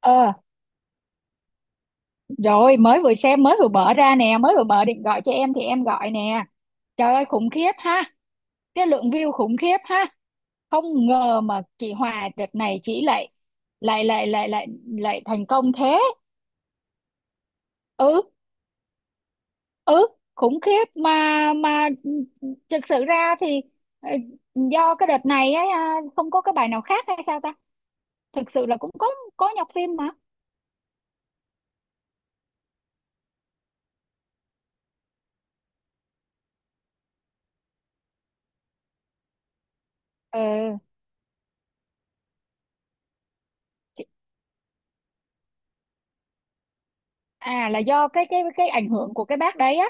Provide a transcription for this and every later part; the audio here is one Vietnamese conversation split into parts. Ờ, rồi mới vừa xem mới vừa mở ra nè, mới vừa mở định gọi cho em thì em gọi nè. Trời ơi khủng khiếp ha, cái lượng view khủng khiếp ha. Không ngờ mà chị Hòa đợt này chị lại lại lại lại lại lại thành công thế. Ừ, ừ, khủng khiếp mà thực sự ra thì ờ, do cái đợt này ấy, à, không có cái bài nào khác hay sao ta? Thực sự là cũng có nhọc phim mà. Ừ, à là do cái ảnh hưởng của cái bác đấy á.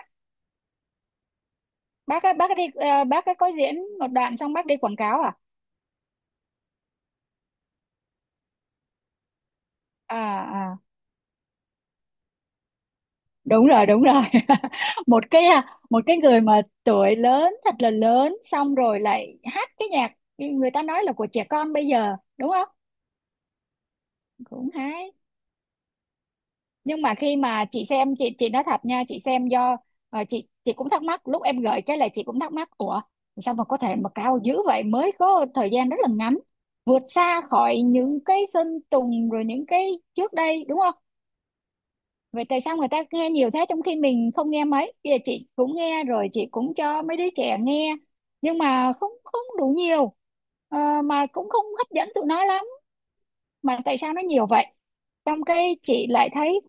Bác á, bác đi bác ấy có diễn một đoạn xong bác đi quảng cáo à? à, à Đúng rồi đúng rồi. Một cái người mà tuổi lớn thật là lớn xong rồi lại hát cái nhạc người ta nói là của trẻ con bây giờ, đúng không? Cũng hay, nhưng mà khi mà chị xem, chị nói thật nha, chị xem do chị cũng thắc mắc lúc em gửi cái, là chị cũng thắc mắc, ủa sao mà có thể mà cao dữ vậy mới có thời gian rất là ngắn, vượt xa khỏi những cái Sơn Tùng rồi những cái trước đây, đúng không? Vậy tại sao người ta nghe nhiều thế trong khi mình không nghe mấy? Bây giờ chị cũng nghe rồi, chị cũng cho mấy đứa trẻ nghe. Nhưng mà không, không đủ nhiều. Ờ, mà cũng không hấp dẫn tụi nó lắm. Mà tại sao nó nhiều vậy? Xong cái chị lại thấy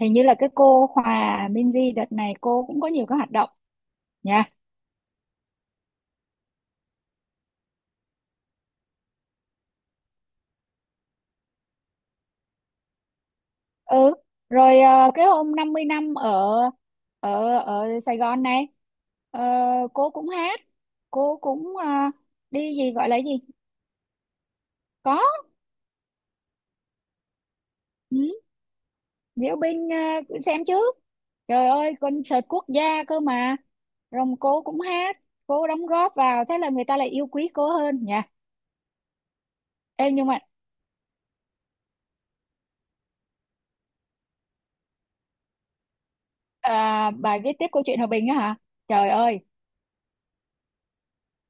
hình như là cái cô Hòa Minzy đợt này cô cũng có nhiều cái hoạt động nha. Ừ. Rồi cái hôm 50 năm ở ở ở Sài Gòn này, ờ, cô cũng hát, cô cũng đi gì gọi là gì? Có. Ừ, diễu binh à, cứ xem trước. Trời ơi, concert quốc gia cơ mà. Rồng cô cũng hát, cô đóng góp vào, thế là người ta lại yêu quý cô hơn nha. Em, nhưng mà à, bài viết tiếp câu chuyện hòa bình á hả? Trời ơi,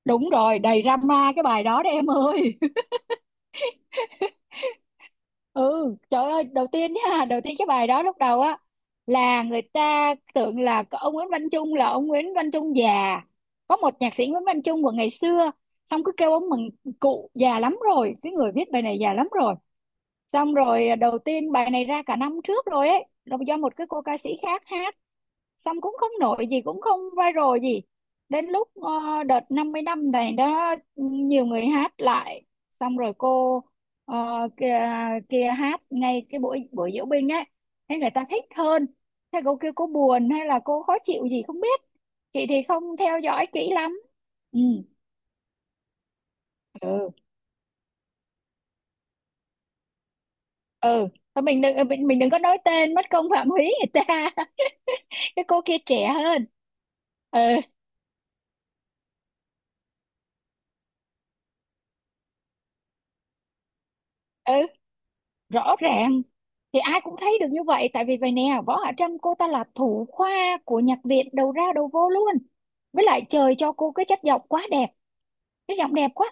đúng rồi, đầy drama cái bài đó đấy em ơi. Ừ, trời ơi, đầu tiên nha, đầu tiên cái bài đó lúc đầu á là người ta tưởng là có ông Nguyễn Văn Trung, là ông Nguyễn Văn Trung già, có một nhạc sĩ Nguyễn Văn Trung của ngày xưa. Xong cứ kêu ông mừng, cụ già lắm rồi, cái người viết bài này già lắm rồi. Xong rồi à, đầu tiên bài này ra cả năm trước rồi ấy, là do một cái cô ca sĩ khác hát, xong cũng không nổi gì, cũng không viral gì. Đến lúc đợt 50 năm này đó, nhiều người hát lại, xong rồi cô ờ, kia, kia hát ngay cái buổi buổi diễu binh ấy. Thế người ta thích hơn, thế cô kêu cô buồn hay là cô khó chịu gì không biết, chị thì không theo dõi kỹ lắm. Ừ, ừ, ừ. Thôi mình đừng có nói tên mất công phạm húy người ta. Cái cô kia trẻ hơn. Ừ, ừ, rõ ràng thì ai cũng thấy được như vậy, tại vì vậy nè, Võ Hạ Trâm cô ta là thủ khoa của nhạc viện, đầu ra đầu vô luôn. Với lại trời cho cô cái chất giọng quá đẹp, cái giọng đẹp quá.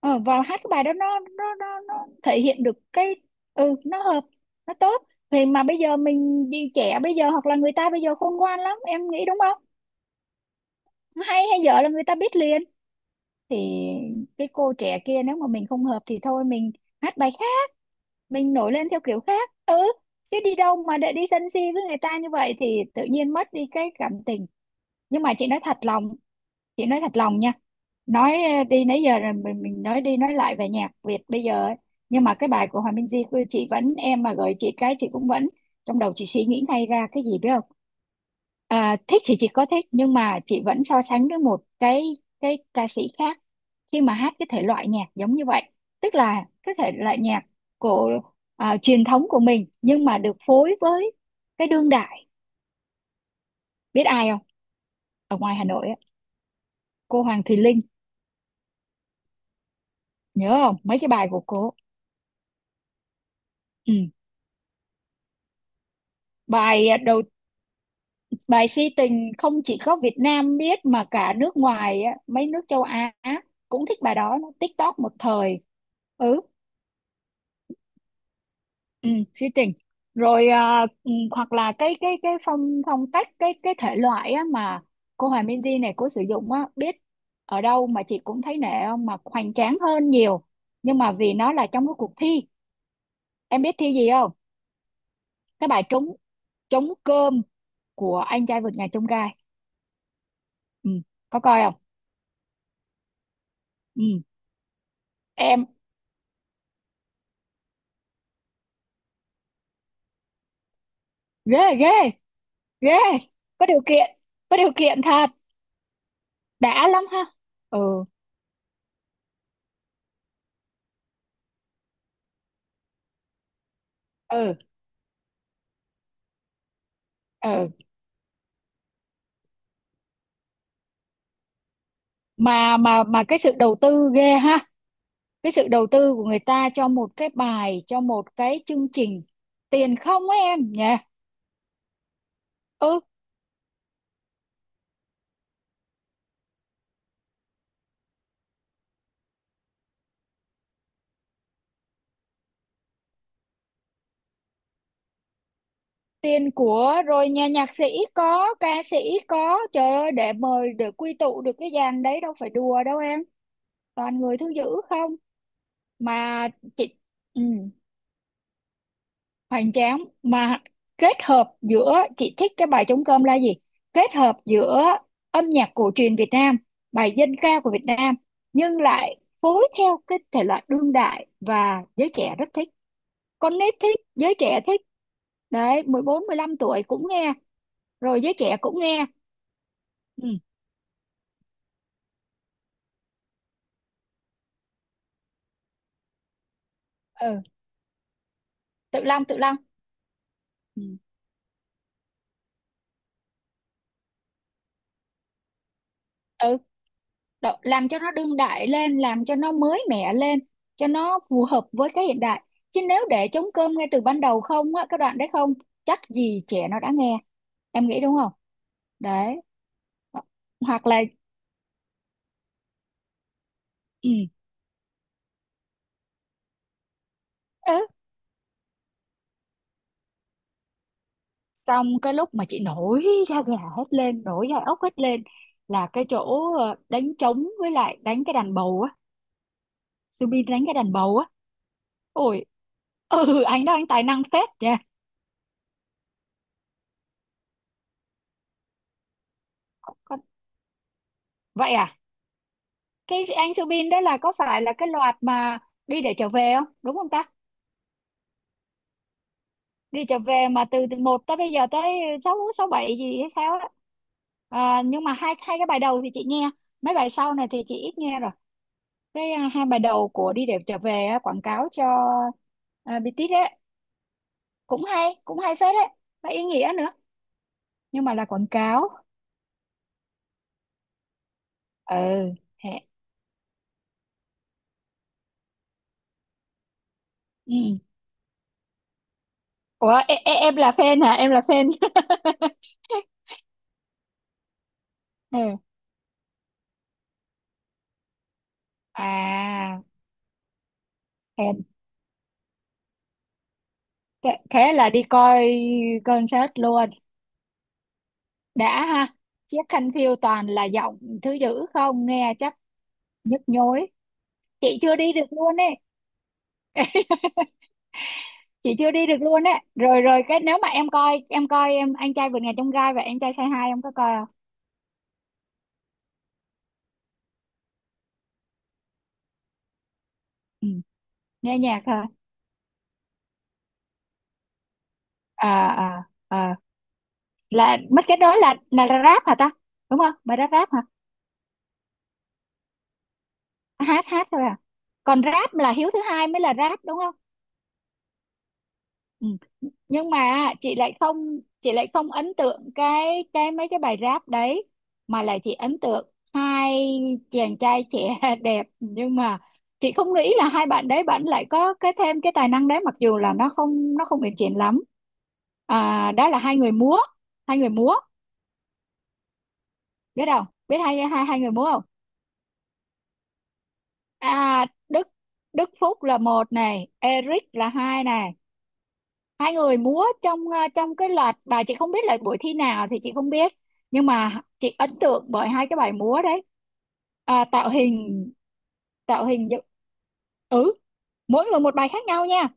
Ờ, và hát cái bài đó nó thể hiện được cái. Ừ, nó hợp, nó tốt. Thì mà bây giờ mình đi trẻ bây giờ, hoặc là người ta bây giờ khôn ngoan lắm, em nghĩ đúng không? Hay hay dở là người ta biết liền. Thì cái cô trẻ kia nếu mà mình không hợp thì thôi, mình hát bài khác, mình nổi lên theo kiểu khác. Ừ, chứ đi đâu mà để đi sân si với người ta như vậy thì tự nhiên mất đi cái cảm tình. Nhưng mà chị nói thật lòng, chị nói thật lòng nha, nói đi nãy giờ rồi mình nói đi nói lại về nhạc Việt bây giờ ấy. Nhưng mà cái bài của Hòa Minzy của chị vẫn, em mà gửi chị cái chị cũng vẫn, trong đầu chị suy nghĩ ngay ra cái gì biết không? À, thích thì chị có thích, nhưng mà chị vẫn so sánh với một cái ca sĩ khác khi mà hát cái thể loại nhạc giống như vậy, tức là cái thể loại nhạc của à, truyền thống của mình nhưng mà được phối với cái đương đại. Biết ai không? Ở ngoài Hà Nội á, cô Hoàng Thùy Linh. Nhớ không mấy cái bài của cô? Ừ. Đầu bài si tình không chỉ có Việt Nam biết mà cả nước ngoài á, mấy nước châu Á cũng thích bài đó, nó TikTok một thời. Ừ, ừ, sĩ tình. Rồi ừ, hoặc là cái phong phong cách cái thể loại á, mà cô Hòa Minzy này cô sử dụng á, biết ở đâu mà chị cũng thấy nể không, mà hoành tráng hơn nhiều. Nhưng mà vì nó là trong cái cuộc thi, em biết thi gì không? Cái bài trúng trúng cơm của anh trai vượt ngàn chông gai. Ừ, có coi không? Ừ, em ghê ghê ghê, có điều kiện, có điều kiện thật, đã lắm ha. Ừ, ừ, ừ, mà cái sự đầu tư ghê ha, cái sự đầu tư của người ta cho một cái bài, cho một cái chương trình, tiền không á em nhỉ? Ừ, tiền của rồi nhà nhạc sĩ có, ca sĩ có, trời ơi để mời để quy tụ được cái dàn đấy đâu phải đùa đâu em, toàn người thứ dữ không mà chị. Ừ. Hoành tráng mà, kết hợp giữa, chị thích cái bài trống cơm là gì, kết hợp giữa âm nhạc cổ truyền Việt Nam, bài dân ca của Việt Nam, nhưng lại phối theo cái thể loại đương đại và giới trẻ rất thích. Con nít thích, giới trẻ thích đấy, 14, 15 tuổi cũng nghe, rồi giới trẻ cũng nghe. Ừ, ừ. Tự Long, Tự Long. Ừ. Ừ. Làm cho nó đương đại lên, làm cho nó mới mẻ lên cho nó phù hợp với cái hiện đại, chứ nếu để trống cơm ngay từ ban đầu không á, cái đoạn đấy không chắc gì trẻ nó đã nghe, em nghĩ đúng không? Đấy, hoặc là. Ừ, ừ. Xong cái lúc mà chị nổi da gà hết lên, nổi da ốc hết lên là cái chỗ đánh trống với lại đánh cái đàn bầu á, Subin đánh cái đàn bầu á. Ôi. Ừ, anh đó anh tài năng phết nha. Con- Vậy à, cái anh Subin đó là có phải là cái loạt mà đi để trở về không, đúng không ta? Đi trở về mà từ từ một tới bây giờ tới sáu sáu bảy gì hay sao á? À, nhưng mà hai hai cái bài đầu thì chị nghe, mấy bài sau này thì chị ít nghe rồi. Cái à, hai bài đầu của đi để trở về á, quảng cáo cho à, BTS ấy, cũng hay, cũng hay phết đấy, và ý nghĩa nữa, nhưng mà là quảng cáo. Ừ. Hẹ. Ừ. Ủa e, e, em là fan hả, em là fan? Ừ. à thế Thế thế là đi coi concert luôn, đã ha. Chiếc khăn phiêu toàn là giọng thứ dữ không, nghe chắc nhức nhối. Chị chưa đi được luôn ấy. Chị chưa đi được luôn ấy, rồi rồi cái nếu mà em coi em coi em anh trai vượt ngàn chông gai và anh trai say hi em có coi không? Ừ. Nghe nhạc hả? À, à, à. Là mất, cái đó là rap hả ta, đúng không, bài đó rap hả? Hát hát thôi à? Còn rap là hiếu thứ hai mới là rap, đúng không? Ừ. Nhưng mà chị lại không ấn tượng cái mấy cái bài rap đấy, mà lại chị ấn tượng hai chàng trai trẻ đẹp. Nhưng mà chị không nghĩ là hai bạn đấy bạn lại có cái thêm cái tài năng đấy, mặc dù là nó không uyển chuyển lắm. Đó là hai người múa, hai người múa. Biết không, biết hai hai hai người múa không? Đức Đức Phúc là một này, Eric là hai này. Hai người múa trong trong cái loạt bài, chị không biết là buổi thi nào thì chị không biết, nhưng mà chị ấn tượng bởi hai cái bài múa đấy. Tạo hình, tạo hình dựng. Ừ, mỗi người một bài khác nhau nha.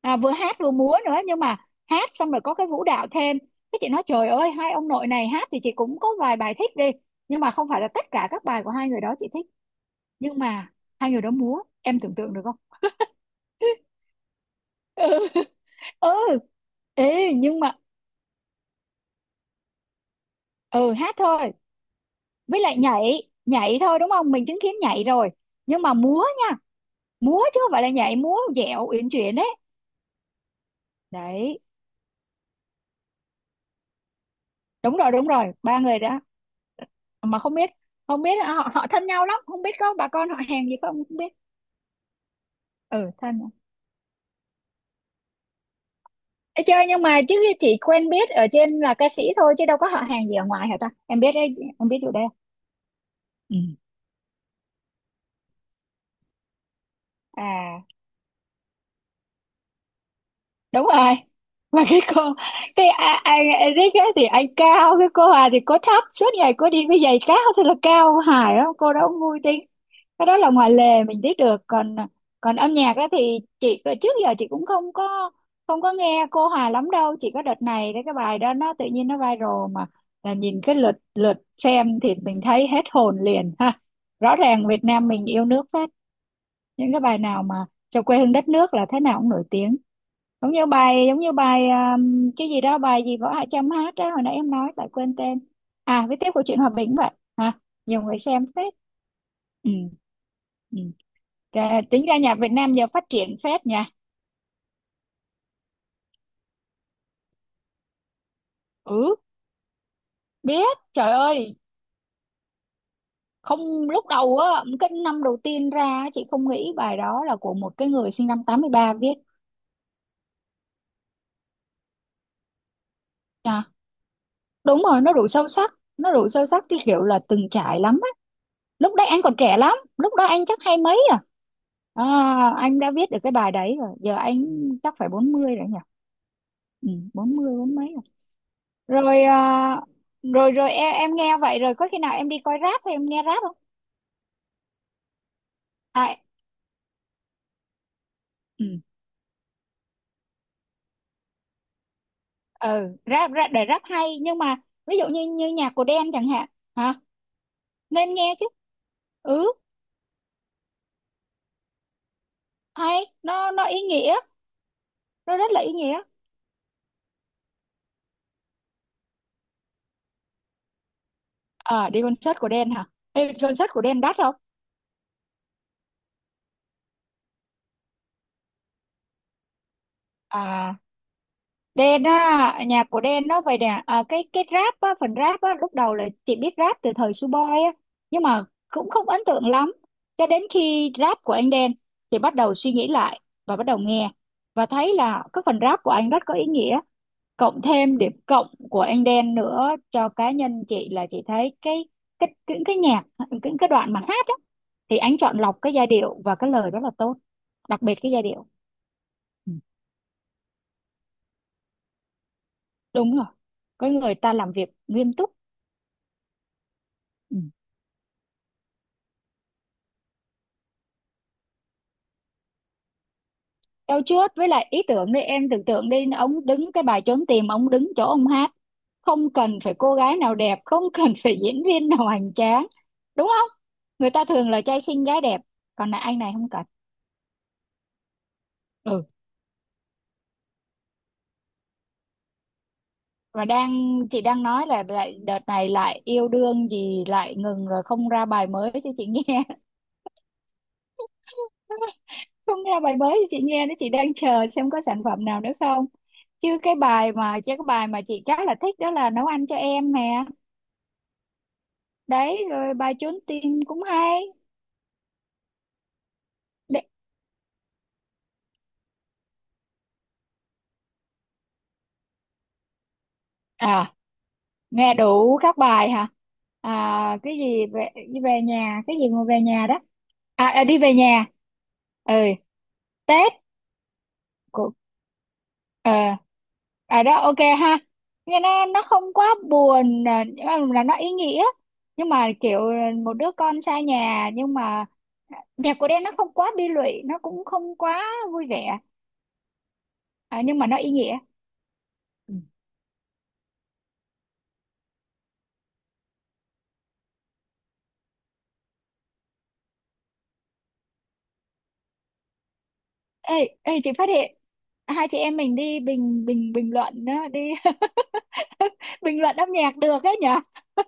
Vừa hát vừa múa nữa, nhưng mà hát xong rồi có cái vũ đạo thêm. Thế chị nói trời ơi, hai ông nội này hát thì chị cũng có vài bài thích đi, nhưng mà không phải là tất cả các bài của hai người đó chị thích. Nhưng mà hai người đó múa, em tưởng tượng được không? Ừ, ừ. Ê, nhưng mà ừ, hát thôi, với lại nhảy. Nhảy thôi, đúng không? Mình chứng kiến nhảy rồi. Nhưng mà múa nha, múa chứ không phải là nhảy. Múa dẻo uyển chuyển đấy. Đấy, đúng rồi, đúng rồi, ba người đó. Mà không biết, không biết họ họ thân nhau lắm không, biết có bà con họ hàng gì không, không biết. Ừ, thân nhau. Ê, chơi nhưng mà chứ chỉ quen biết ở trên là ca sĩ thôi, chứ đâu có họ hàng gì ở ngoài hả ta, em biết đấy? Em biết chỗ đây. Ừ. À, đúng rồi. Mà cái cô, ai Eric á thì anh cao, cái cô Hà thì cô thấp, suốt ngày cô đi với giày cao thì là cao hài lắm, cô đó vui tính. Cái đó là ngoài lề mình biết được, còn còn âm nhạc á thì chị trước giờ chị cũng không có nghe cô Hà lắm đâu, chỉ có đợt này đấy cái bài đó nó tự nhiên nó viral mà, là nhìn cái lượt lượt xem thì mình thấy hết hồn liền ha. Rõ ràng Việt Nam mình yêu nước phết, những cái bài nào mà cho quê hương đất nước là thế nào cũng nổi tiếng. Giống như bài, giống như bài cái gì đó, bài gì Võ Hạ Trâm hát đó, hồi nãy em nói lại quên tên. À, viết tiếp của chuyện hòa bình vậy hả? Nhiều người xem phết. Ừ, ừ. Trời, tính ra nhạc Việt Nam giờ phát triển phết nha. Ừ, biết, trời ơi. Không, lúc đầu á, cái năm đầu tiên ra á, chị không nghĩ bài đó là của một cái người sinh năm 83 viết. Nha, đúng rồi, nó đủ sâu sắc, nó đủ sâu sắc, cái kiểu là từng trải lắm. Lúc đấy anh còn trẻ lắm, lúc đó anh chắc hai mấy à. À, anh đã viết được cái bài đấy rồi, giờ anh chắc phải 40 rồi nhỉ. Ừ, 40 bốn mấy rồi. Rồi, rồi rồi, em nghe vậy rồi, có khi nào em đi coi rap hay em nghe rap không? À, ừ, ừ rap, rap để rap hay, nhưng mà ví dụ như như nhạc của Đen chẳng hạn. Hả? Nên nghe chứ. Ừ, hay, nó ý nghĩa. Nó rất là ý nghĩa. À, đi concert của Đen hả? Đi concert của Đen đắt không? À, Đen á, nhạc của Đen nó vậy nè. Cái rap á, phần rap á, lúc đầu là chị biết rap từ thời Suboi á, nhưng mà cũng không ấn tượng lắm. Cho đến khi rap của anh Đen, thì bắt đầu suy nghĩ lại và bắt đầu nghe, và thấy là cái phần rap của anh rất có ý nghĩa. Cộng thêm điểm cộng của anh Đen nữa cho cá nhân chị là chị thấy cái những cái nhạc, những cái đoạn mà hát á, thì anh chọn lọc cái giai điệu và cái lời rất là tốt, đặc biệt cái giai điệu. Ừ, đúng rồi, có người ta làm việc nghiêm túc. Ừ. Đâu trước, với lại ý tưởng đi, em tưởng tượng đi, ông đứng cái bài trốn tìm, ông đứng chỗ ông hát, không cần phải cô gái nào đẹp, không cần phải diễn viên nào hoành tráng, đúng không? Người ta thường là trai xinh gái đẹp, còn là anh này không cần. Ừ, và đang chị đang nói là lại đợt này lại yêu đương gì lại ngừng rồi, không ra bài mới cho chị nghe. Không ra bài mới cho chị nghe đó, chị đang chờ xem có sản phẩm nào nữa không. Chứ cái bài mà, chứ cái bài mà chị khá là thích đó là nấu ăn cho em nè. Đấy, rồi bài trốn tìm cũng hay. Đấy. À, nghe đủ các bài hả? À, cái gì về đi về nhà, cái gì mà về nhà đó. À, à, đi về nhà. Ừ, Tết của. ờ À, đó, ok ha. Nghe nó không quá buồn, à, nhưng mà là nó ý nghĩa, nhưng mà kiểu một đứa con xa nhà, nhưng mà nhạc của Đen nó không quá bi lụy, nó cũng không quá vui vẻ. À, nhưng mà nó ý nghĩa. Ê, ê, chị phát hiện hai chị em mình đi bình bình bình luận á, đi bình luận âm nhạc được ấy nhở.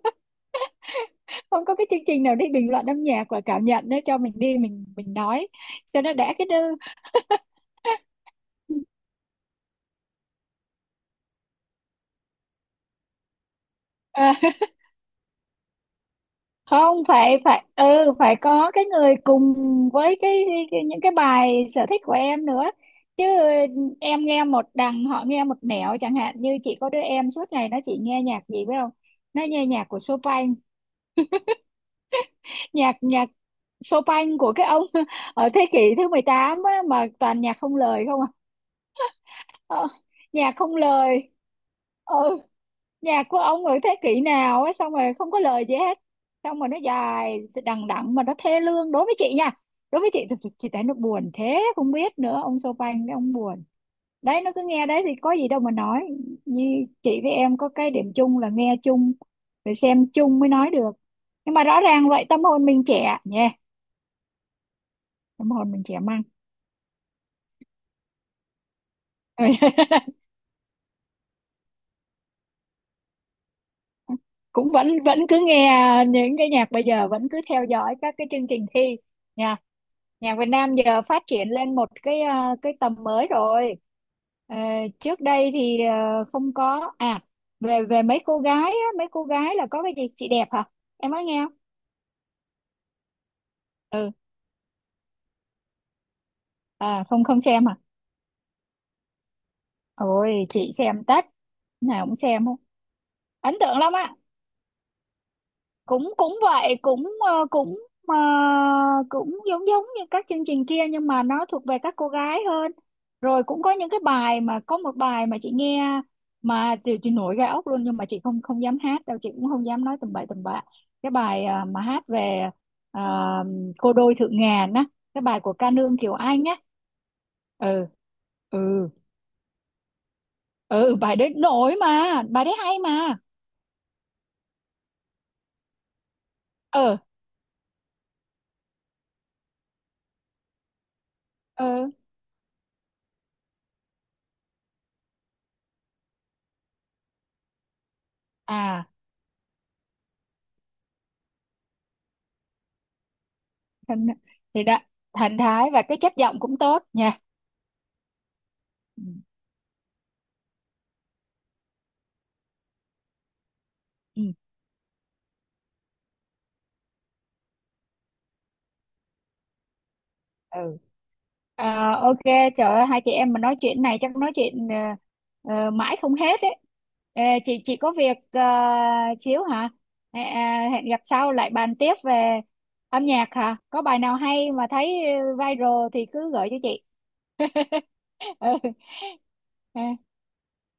Không có cái chương trình nào đi bình luận âm nhạc và cảm nhận nữa cho mình đi, mình nói cho nó đã cái đư. À, không, phải phải, ừ phải có cái người cùng với cái những cái bài sở thích của em nữa chứ. Em nghe một đằng họ nghe một nẻo, chẳng hạn như chị có đứa em suốt ngày nó chỉ nghe nhạc gì biết không? Nó nghe nhạc của Chopin. Nhạc nhạc Chopin của cái ông ở thế kỷ thứ 18 á, mà toàn nhạc không lời không à. Ờ, nhạc không lời. Ừ, nhạc của ông ở thế kỷ nào á, xong rồi không có lời gì hết, xong rồi nó dài đằng đẵng mà nó thê lương đối với chị nha. Đối với chị thì chị thấy nó buồn thế không biết nữa, ông Chopin đấy ông buồn. Đấy, nó cứ nghe đấy thì có gì đâu mà nói. Như chị với em có cái điểm chung là nghe chung rồi xem chung mới nói được. Nhưng mà rõ ràng vậy tâm hồn mình trẻ nhỉ. Tâm hồn mình trẻ măng. Ừ. Cũng vẫn vẫn cứ nghe những cái nhạc bây giờ, vẫn cứ theo dõi các cái chương trình thi nha. Nhạc Việt Nam giờ phát triển lên một cái, cái tầm mới rồi. Ờ, trước đây thì không có à. Về Về mấy cô gái á, mấy cô gái là có cái gì, chị đẹp hả, em nói nghe không? Ừ, à không không xem hả? Ôi chị xem tất, lúc nào cũng xem, không ấn tượng lắm á. Cũng cũng vậy, cũng ờ, cũng giống, giống như các chương trình kia nhưng mà nó thuộc về các cô gái hơn. Rồi cũng có những cái bài, mà có một bài mà chị nghe mà chị nổi gai ốc luôn, nhưng mà chị không không dám hát đâu, chị cũng không dám nói tầm bậy tầm bạ. Cái bài mà hát về, ờ, cô đôi thượng ngàn á, cái bài của ca nương Kiều Anh á. Ừ, ừ, ừ, bài đấy nổi mà, bài đấy hay mà. Ờ, ờ, à Thanh, thì đó, thần thái và cái chất giọng cũng tốt nha. Ừ, ừ, ừ. Ờ, ok. Trời ơi, hai chị em mà nói chuyện này chắc nói chuyện mãi không hết ấy. Ê, chị có việc xíu hả. Hẹn gặp sau lại bàn tiếp về âm nhạc hả, có bài nào hay mà thấy viral thì cứ gửi cho chị. Ừ.